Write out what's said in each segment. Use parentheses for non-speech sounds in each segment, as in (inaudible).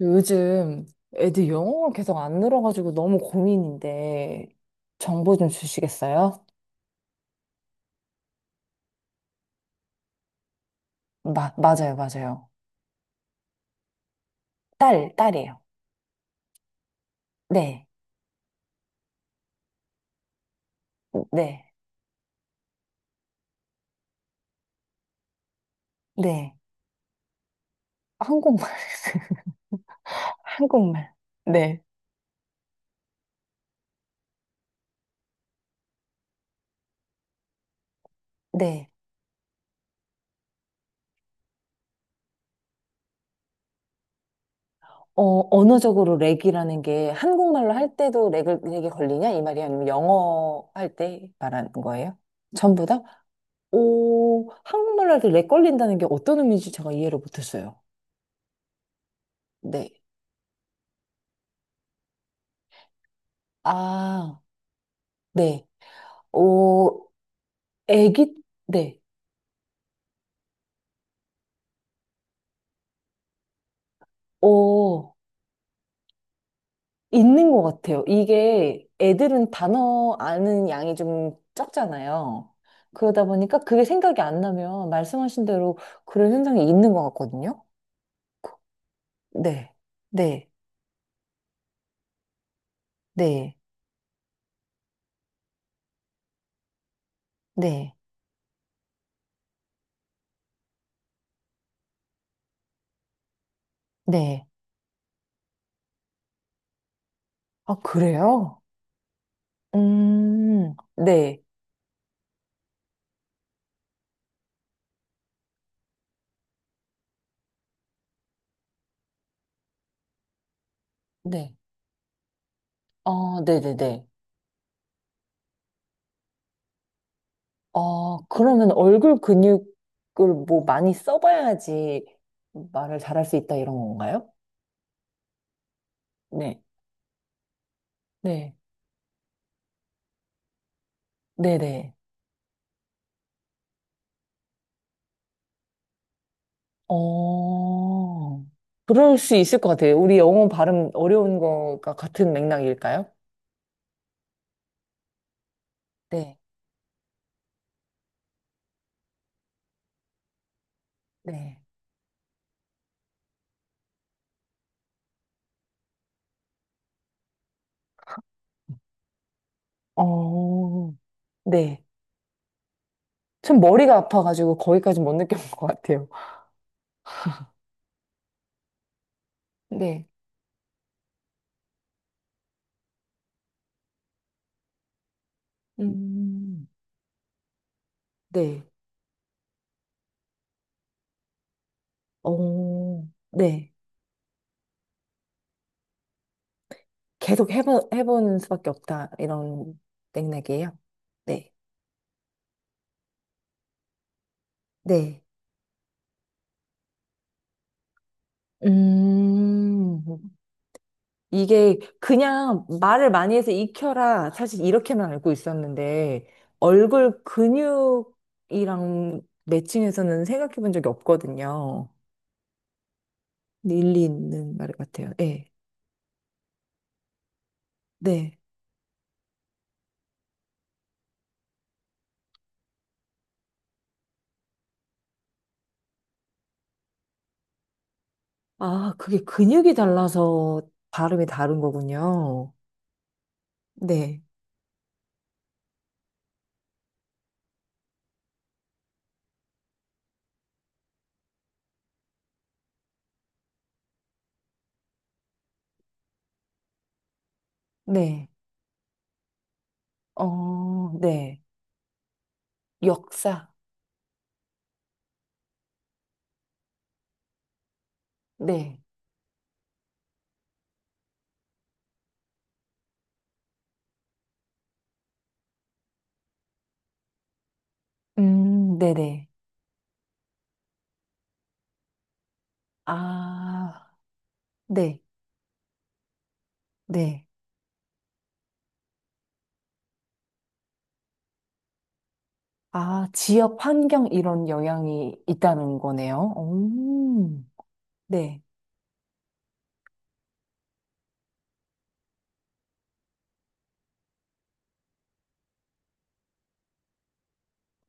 요즘 애들 영어가 계속 안 늘어가지고 너무 고민인데 정보 좀 주시겠어요? 맞아요, 맞아요. 딸이에요. 네, 네, 네. 한국말, (laughs) 한국말. 네, 네. 어, 언어적으로 렉이라는 게 한국말로 할 때도 렉이 걸리냐? 이 말이 아니면 영어 할 때 말하는 거예요? 전부 다? 오, 한국말로 할 때 렉 걸린다는 게 어떤 의미인지 제가 이해를 못했어요. 네. 아, 네. 어, 애기, 네. 어, 있는 것 같아요. 이게 애들은 단어 아는 양이 좀 적잖아요. 그러다 보니까 그게 생각이 안 나면 말씀하신 대로 그런 현상이 있는 것 같거든요. 네. 네. 네. 네. 네. 아, 그래요? 네. 네. 아, 네네네. 아, 그러면 얼굴 근육을 뭐 많이 써봐야지 말을 잘할 수 있다 이런 건가요? 네. 네. 네네. 어, 그럴 수 있을 것 같아요. 우리 영어 발음 어려운 거가 같은 맥락일까요? 네. 네. 어, 네. 전 머리가 아파가지고 거기까지 못 느껴본 것 같아요. 네. 음, 네. 어, 네. 해보는 수밖에 없다. 이런 맥락이에요. 네. 네. 음, 이게 그냥 말을 많이 해서 익혀라. 사실 이렇게만 알고 있었는데, 얼굴 근육이랑 매칭해서는 생각해 본 적이 없거든요. 일리 있는 말 같아요. 네. 네. 아, 그게 근육이 달라서 발음이 다른 거군요. 네. 네. 어, 네. 역사. 네. 네네. 아, 네. 네. 아, 지역 환경 이런 영향이 있다는 거네요. 오, 네.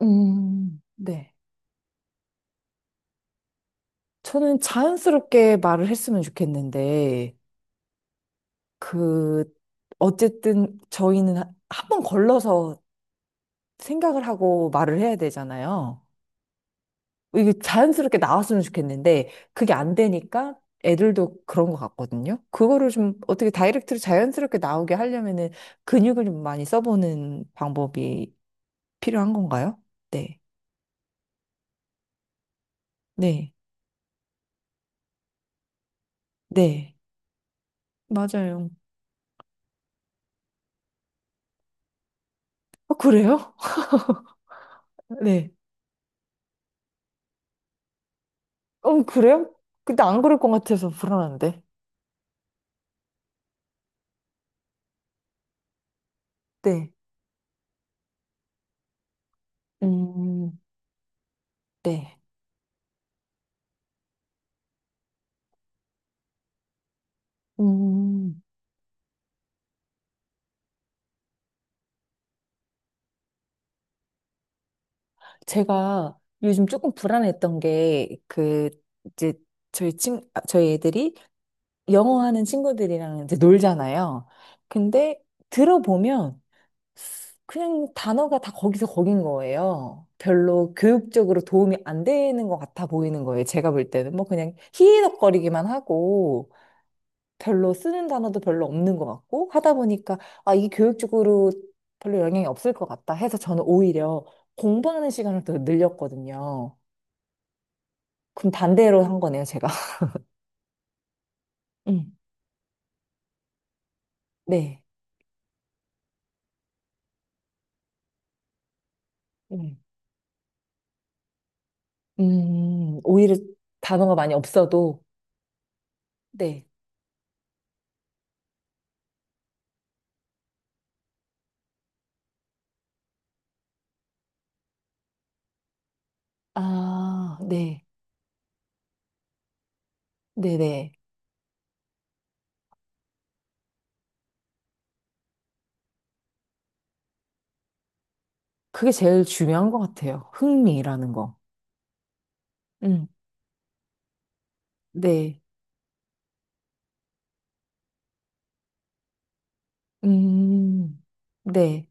네. 저는 자연스럽게 말을 했으면 좋겠는데, 그, 어쨌든 저희는 한 번 걸러서 생각을 하고 말을 해야 되잖아요. 이게 자연스럽게 나왔으면 좋겠는데, 그게 안 되니까 애들도 그런 것 같거든요. 그거를 좀 어떻게 다이렉트로 자연스럽게 나오게 하려면은 근육을 좀 많이 써보는 방법이 필요한 건가요? 네. 네. 네. 맞아요. 아 그래요? 네. 어, 그래요? 근데 안 그럴 것 같아서 불안한데. 네. 음, 네. 음, 제가 요즘 조금 불안했던 게, 그, 이제, 저희 애들이 영어 하는 친구들이랑 이제 놀잖아요. 근데 들어보면 그냥 단어가 다 거기서 거긴 거예요. 별로 교육적으로 도움이 안 되는 것 같아 보이는 거예요. 제가 볼 때는 뭐 그냥 희희덕거리기만 하고 별로 쓰는 단어도 별로 없는 것 같고 하다 보니까 아, 이게 교육적으로 별로 영향이 없을 것 같다 해서 저는 오히려 공부하는 시간을 더 늘렸거든요. 그럼 반대로 한 거네요, 제가. (laughs) 음, 네. 음, 오히려 단어가 많이 없어도 네. 아, 네. 네네. 그게 제일 중요한 것 같아요. 흥미라는 거. 음, 네. 음, 네.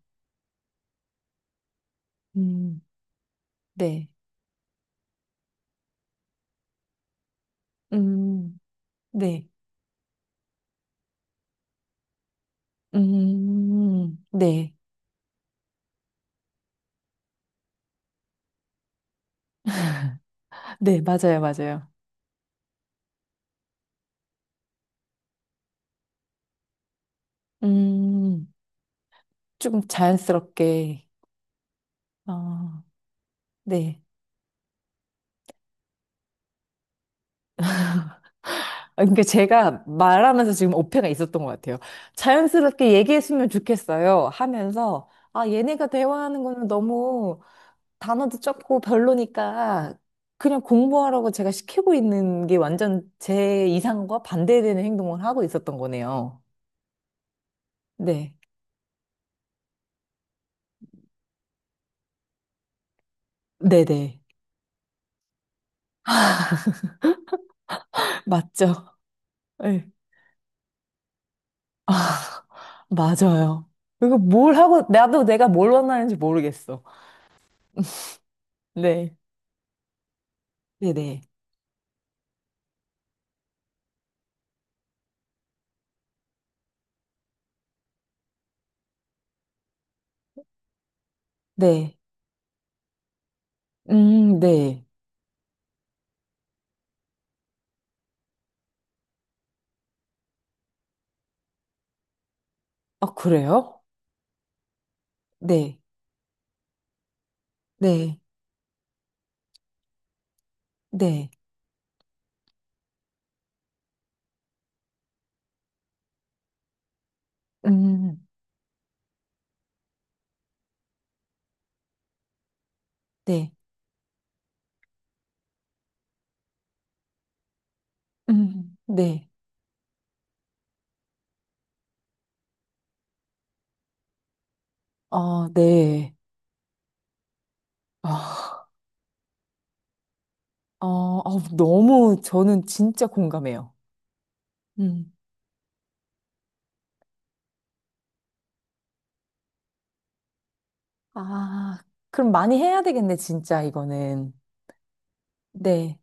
음, 네. 음, 네. 네. 네, 맞아요, 맞아요. 음, 조금 자연스럽게, 아. 네. 아, 그러니까 제가 말하면서 지금 오해가 있었던 것 같아요. 자연스럽게 얘기했으면 좋겠어요. 하면서, 아, 얘네가 대화하는 거는 너무 단어도 적고 별로니까 그냥 공부하라고 제가 시키고 있는 게 완전 제 이상과 반대되는 행동을 하고 있었던 거네요. 네. 네네. 맞죠. 네. 아, (laughs) 맞아요. 이거 뭘 하고, 나도 내가 뭘 원하는지 모르겠어. 네. 네네. 네. 네. 아, 그래요? 네. 네. 네. 음, 네. 네. 아, 네. 아. 어, 어, 너무 저는 진짜 공감해요. 음. 아, 그럼 많이 해야 되겠네, 진짜 이거는. 네,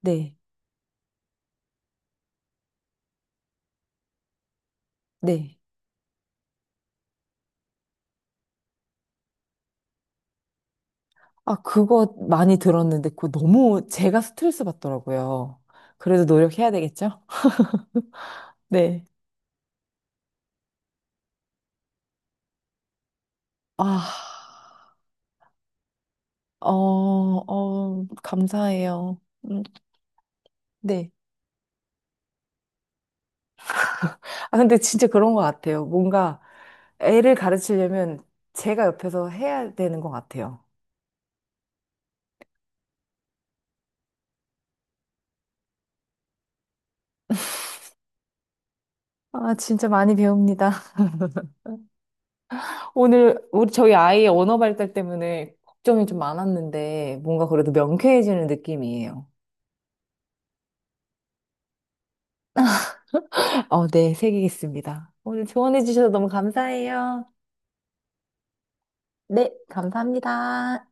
네, 네. 아, 그거 많이 들었는데 그거 너무 제가 스트레스 받더라고요. 그래도 노력해야 되겠죠? 네. 아, 어, 어, 감사해요. 네. 아, 근데 진짜 그런 것 같아요. 뭔가 애를 가르치려면 제가 옆에서 해야 되는 것 같아요. 아, 진짜 많이 배웁니다. 오늘 우리 저희 아이의 언어 발달 때문에 걱정이 좀 많았는데 뭔가 그래도 명쾌해지는 느낌이에요. 어, 네, 새기겠습니다. 오늘 조언해 주셔서 너무 감사해요. 네, 감사합니다.